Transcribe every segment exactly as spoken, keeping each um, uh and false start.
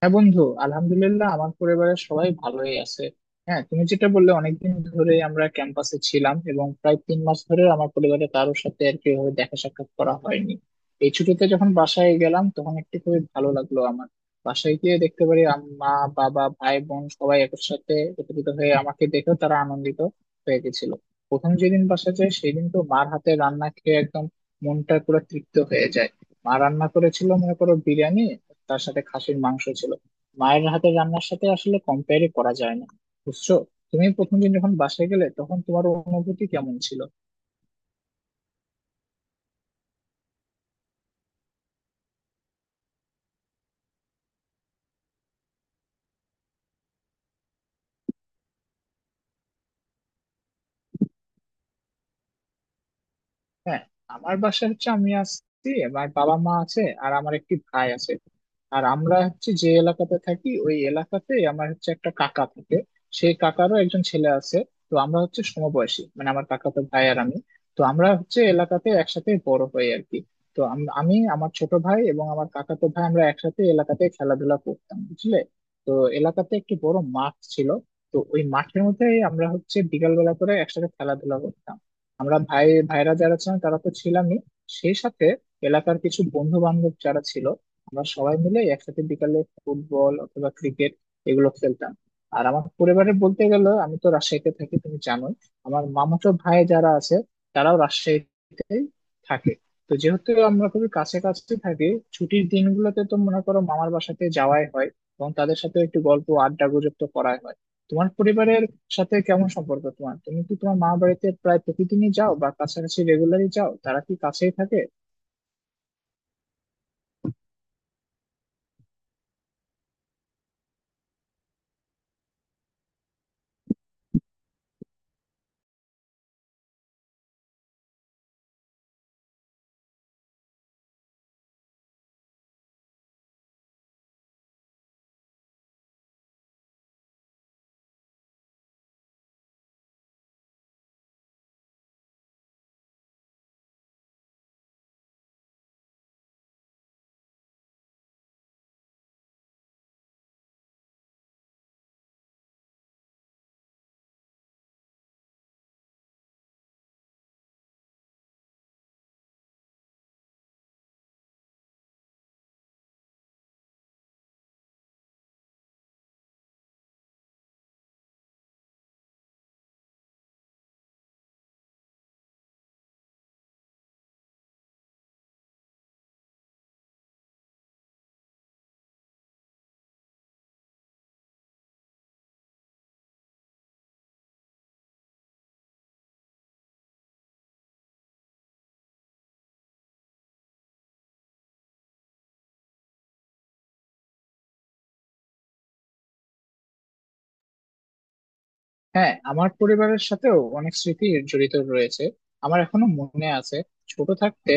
হ্যাঁ বন্ধু, আলহামদুলিল্লাহ। আমার পরিবারের সবাই ভালোই আছে। হ্যাঁ, তুমি যেটা বললে অনেকদিন ধরে আমরা ক্যাম্পাসে ছিলাম, এবং প্রায় তিন মাস ধরে আমার পরিবারের কারোর সাথে আর কি ওভাবে দেখা সাক্ষাৎ করা হয়নি। এই ছুটিতে যখন বাসায় গেলাম তখন একটু খুবই ভালো লাগলো আমার। বাসায় গিয়ে দেখতে পারি আম- মা, বাবা, ভাই, বোন সবাই একসাথে সাথে একত্রিত হয়ে আমাকে দেখেও তারা আনন্দিত হয়ে গেছিল। প্রথম যেদিন বাসায় যাই সেদিন তো মার হাতে রান্না খেয়ে একদম মনটা পুরো তৃপ্ত হয়ে যায়। মা রান্না করেছিল মনে করো বিরিয়ানি, তার সাথে খাসির মাংস ছিল। মায়ের হাতের রান্নার সাথে আসলে কম্পেয়ারই করা যায় না, বুঝছো? তুমি প্রথম দিন যখন বাসায় গেলে তখন তোমার অনুভূতি কেমন ছিল? হ্যাঁ, আমার বাসায় হচ্ছে আমি আছি, আমার বাবা মা আছে, আর আমার একটি ভাই আছে। আর আমরা হচ্ছে যে এলাকাতে থাকি ওই এলাকাতে আমার হচ্ছে একটা কাকা থাকে, সেই কাকারও একজন ছেলে আছে। তো আমরা হচ্ছে সমবয়সী, মানে আমার কাকাতো ভাই আর আমি। তো আমরা হচ্ছে এলাকাতে একসাথে বড় হই আর কি। তো আম- আমি, আমার ছোট ভাই এবং আমার কাকাতো ভাই আমরা একসাথে এলাকাতে খেলাধুলা করতাম, বুঝলে? তো এলাকাতে একটি বড় মাঠ ছিল। তো ওই মাঠের মধ্যে আমরা হচ্ছে বিকালবেলা করে একসাথে খেলাধুলা করতাম। আমরা ভাই ভাইরা যারা ছিলাম তারা তো ছিলামই, সেই সাথে এলাকার কিছু বন্ধু বান্ধব যারা ছিল, আমরা সবাই মিলে একসাথে বিকালে ফুটবল অথবা ক্রিকেট এগুলো খেলতাম। আর আমার পরিবারে বলতে গেলে আমি তো রাজশাহীতে থাকি তুমি জানো। আমার মামাতো ভাই যারা আছে তারাও রাজশাহীতে থাকে। তো যেহেতু আমরা খুবই কাছে কাছে থাকি, ছুটির দিনগুলোতে তো মনে করো মামার বাসাতে যাওয়াই হয়, এবং তাদের সাথে একটু গল্প আড্ডা গুজব তো করাই হয়। তোমার পরিবারের সাথে কেমন সম্পর্ক তোমার? তুমি কি তোমার মা বাড়িতে প্রায় প্রতিদিনই যাও বা কাছাকাছি রেগুলারই যাও? তারা কি কাছেই থাকে? হ্যাঁ, আমার পরিবারের সাথেও অনেক স্মৃতি জড়িত রয়েছে। আমার এখনো মনে আছে, ছোট থাকতে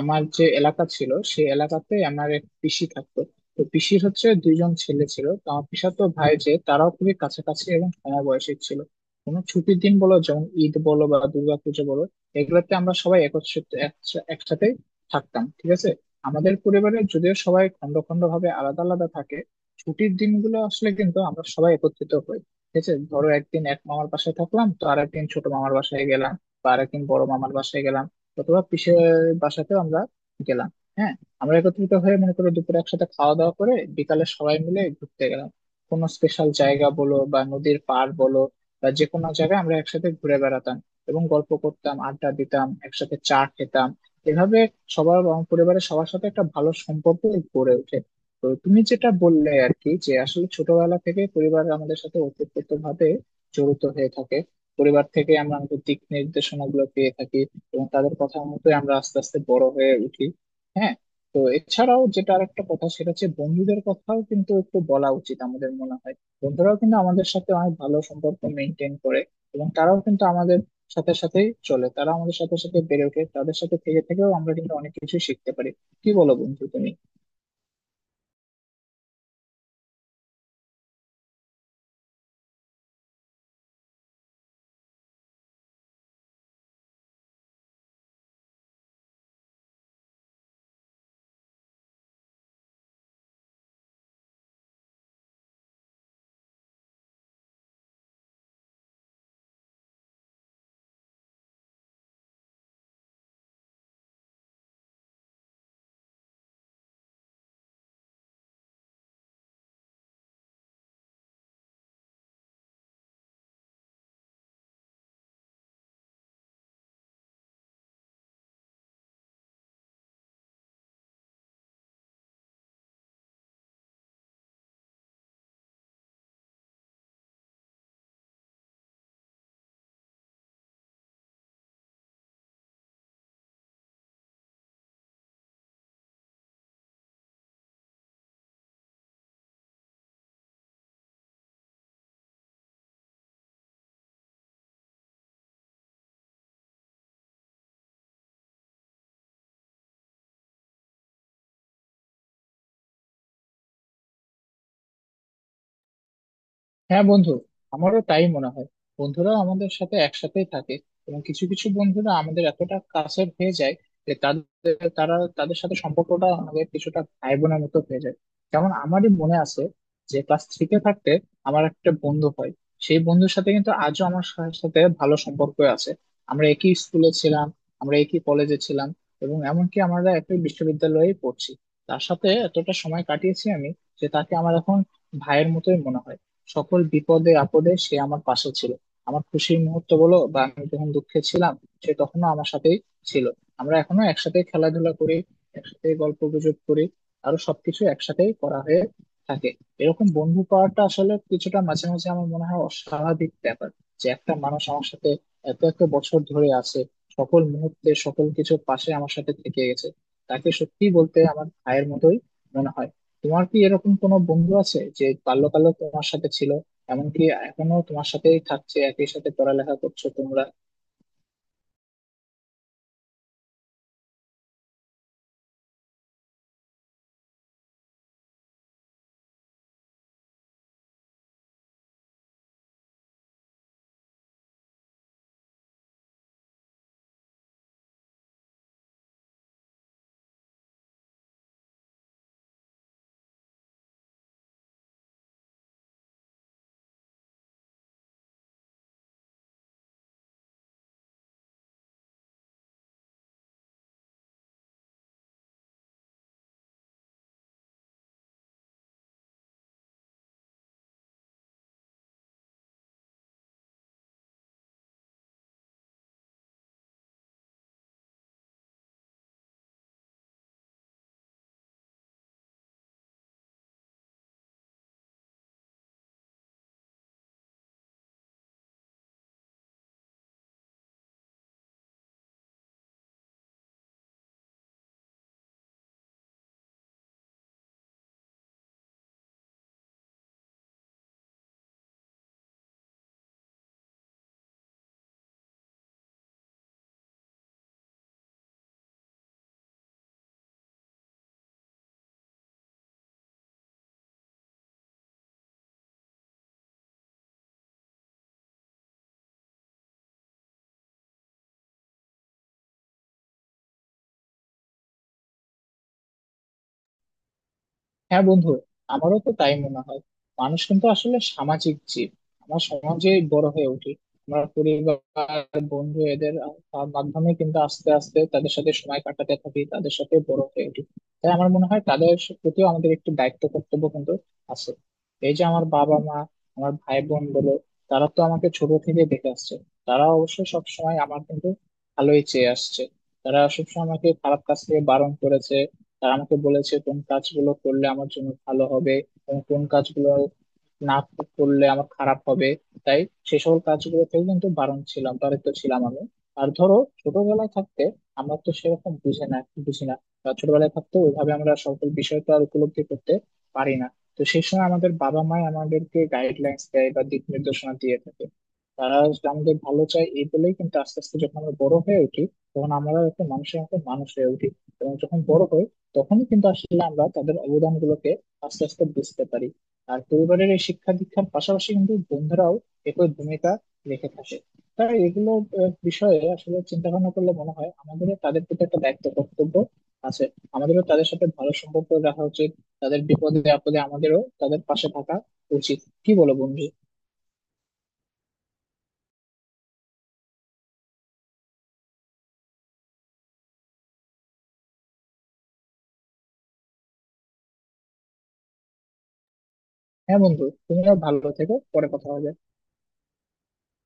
আমার যে এলাকা ছিল সেই এলাকাতে আমার এক পিসি থাকতো। তো পিসির হচ্ছে দুইজন ছেলে ছিল, তো আমার পিসাতো ভাই যে, তারাও খুবই কাছাকাছি এবং সমবয়সী ছিল। কোনো ছুটির দিন বলো, যেমন ঈদ বলো বা দুর্গাপুজো বলো, এগুলোতে আমরা সবাই একত্রিত একসা- একসাথে থাকতাম, ঠিক আছে? আমাদের পরিবারে যদিও সবাই খন্ড খন্ড ভাবে আলাদা আলাদা থাকে, ছুটির দিনগুলো আসলে কিন্তু আমরা সবাই একত্রিত হই। ঠিক আছে, ধরো একদিন এক মামার বাসায় থাকলাম, তো আর একদিন ছোট মামার বাসায় গেলাম, বা আরেকদিন বড় মামার বাসায় গেলাম, অথবা পিসের বাসাতেও আমরা গেলাম। হ্যাঁ, আমরা একত্রিত হয়ে মনে করো দুপুরে একসাথে খাওয়া দাওয়া করে বিকালে সবাই মিলে ঘুরতে গেলাম। কোনো স্পেশাল জায়গা বলো বা নদীর পাড় বলো, বা যে কোনো জায়গায় আমরা একসাথে ঘুরে বেড়াতাম, এবং গল্প করতাম, আড্ডা দিতাম, একসাথে চা খেতাম। এভাবে সবার, আমার পরিবারের সবার সাথে একটা ভালো সম্পর্ক গড়ে ওঠে। তো তুমি যেটা বললে আর কি, যে আসলে ছোটবেলা থেকে পরিবার আমাদের সাথে ওতপ্রোত ভাবে জড়িত হয়ে থাকে। পরিবার থেকে আমরা আমাদের দিক নির্দেশনা গুলো পেয়ে থাকি, এবং তাদের কথা মতোই আমরা আস্তে আস্তে বড় হয়ে উঠি। হ্যাঁ। তো এছাড়াও যেটা আরেকটা কথা সেটা হচ্ছে বন্ধুদের কথাও কিন্তু একটু বলা উচিত আমাদের মনে হয়। বন্ধুরাও কিন্তু আমাদের সাথে অনেক ভালো সম্পর্ক মেনটেন করে, এবং তারাও কিন্তু আমাদের সাথে সাথেই চলে, তারা আমাদের সাথে সাথে বেড়ে ওঠে, তাদের সাথে থেকে থেকেও আমরা কিন্তু অনেক কিছু শিখতে পারি। কি বলো বন্ধু তুমি? হ্যাঁ বন্ধু, আমারও তাই মনে হয়। বন্ধুরা আমাদের সাথে একসাথেই থাকে, এবং কিছু কিছু বন্ধুরা আমাদের এতটা কাছের হয়ে যায় যে তাদের, তারা, তাদের সাথে সম্পর্কটা আমাদের কিছুটা ভাই বোনের মতো হয়ে যায়। যেমন আমারই মনে আছে, যে ক্লাস থ্রিতে থাকতে আমার একটা বন্ধু হয়, সেই বন্ধুর সাথে কিন্তু আজও আমার সা- সাথে ভালো সম্পর্ক আছে। আমরা একই স্কুলে ছিলাম, আমরা একই কলেজে ছিলাম, এবং এমনকি আমরা একই বিশ্ববিদ্যালয়ে পড়ছি। তার সাথে এতটা সময় কাটিয়েছি আমি যে তাকে আমার এখন ভাইয়ের মতোই মনে হয়। সকল বিপদে আপদে সে আমার পাশে ছিল। আমার খুশির মুহূর্ত বলো বা আমি যখন দুঃখে ছিলাম, সে তখনো আমার সাথেই ছিল। আমরা এখনো একসাথে খেলাধুলা করি, একসাথে গল্প গুজব করি, আরো সবকিছু একসাথেই করা হয়ে থাকে। এরকম বন্ধু পাওয়াটা আসলে কিছুটা মাঝে মাঝে আমার মনে হয় অস্বাভাবিক ব্যাপার। যে একটা মানুষ আমার সাথে এত এত বছর ধরে আছে, সকল মুহূর্তে সকল কিছুর পাশে আমার সাথে থেকে গেছে, তাকে সত্যি বলতে আমার ভাইয়ের মতোই মনে হয়। তোমার কি এরকম কোনো বন্ধু আছে যে বাল্যকালে তোমার সাথে ছিল, এমনকি এখনো তোমার সাথেই থাকছে, একই সাথে পড়ালেখা করছো তোমরা? হ্যাঁ বন্ধু, আমারও তো তাই মনে হয়। মানুষ কিন্তু আসলে সামাজিক জীব, আমরা সমাজে বড় হয়ে উঠি। আমরা পরিবার, বন্ধু এদের আহ, মাধ্যমে কিন্তু আস্তে আস্তে তাদের সাথে সময় কাটাতে থাকি, তাদের সাথে বড় হয়ে উঠি। তাই আমার মনে হয় তাদের প্রতিও আমাদের একটু দায়িত্ব কর্তব্য কিন্তু আছে। এই যে আমার বাবা মা, আমার ভাই বোন বলো, তারা তো আমাকে ছোট থেকে দেখে আসছে, তারা অবশ্য সবসময় আমার কিন্তু ভালোই চেয়ে আসছে। তারা সবসময় আমাকে খারাপ কাজ থেকে বারণ করেছে, তারা আমাকে বলেছে কোন কাজগুলো করলে আমার জন্য ভালো হবে এবং কোন কাজগুলো না করলে আমার খারাপ হবে। তাই সে সকল কাজগুলো থেকে কিন্তু বারণ ছিলাম, বারিত ছিলাম আমি। আর ধরো ছোটবেলায় থাকতে আমরা তো সেরকম বুঝে না, বুঝি না, বা ছোটবেলায় থাকতে ওইভাবে আমরা সকল বিষয়টা আর উপলব্ধি করতে পারি না। তো সেই সময় আমাদের বাবা মাই আমাদেরকে গাইডলাইন্স দেয় বা দিক নির্দেশনা দিয়ে থাকে। তারা আমাদের ভালো চায় এই বলেই কিন্তু আস্তে আস্তে যখন আমরা বড় হয়ে উঠি তখন আমরা একটা মানুষের মতো মানুষ হয়ে উঠি। এবং যখন বড় হই তখনই কিন্তু আসলে আমরা তাদের অবদান গুলোকে আস্তে আস্তে বুঝতে পারি। আর পরিবারের এই শিক্ষা দীক্ষার পাশাপাশি কিন্তু বন্ধুরাও একই ভূমিকা রেখে থাকে। তাই এগুলো আহ, বিষয়ে আসলে চিন্তা ভাবনা করলে মনে হয় আমাদেরও তাদের প্রতি একটা দায়িত্ব কর্তব্য আছে। আমাদেরও তাদের সাথে ভালো সম্পর্ক রাখা উচিত, তাদের বিপদে আপদে আমাদেরও তাদের পাশে থাকা উচিত। কি বলো বন্ধু? হ্যাঁ বন্ধু, তুমিও ভালো থেকো, পরে কথা হবে।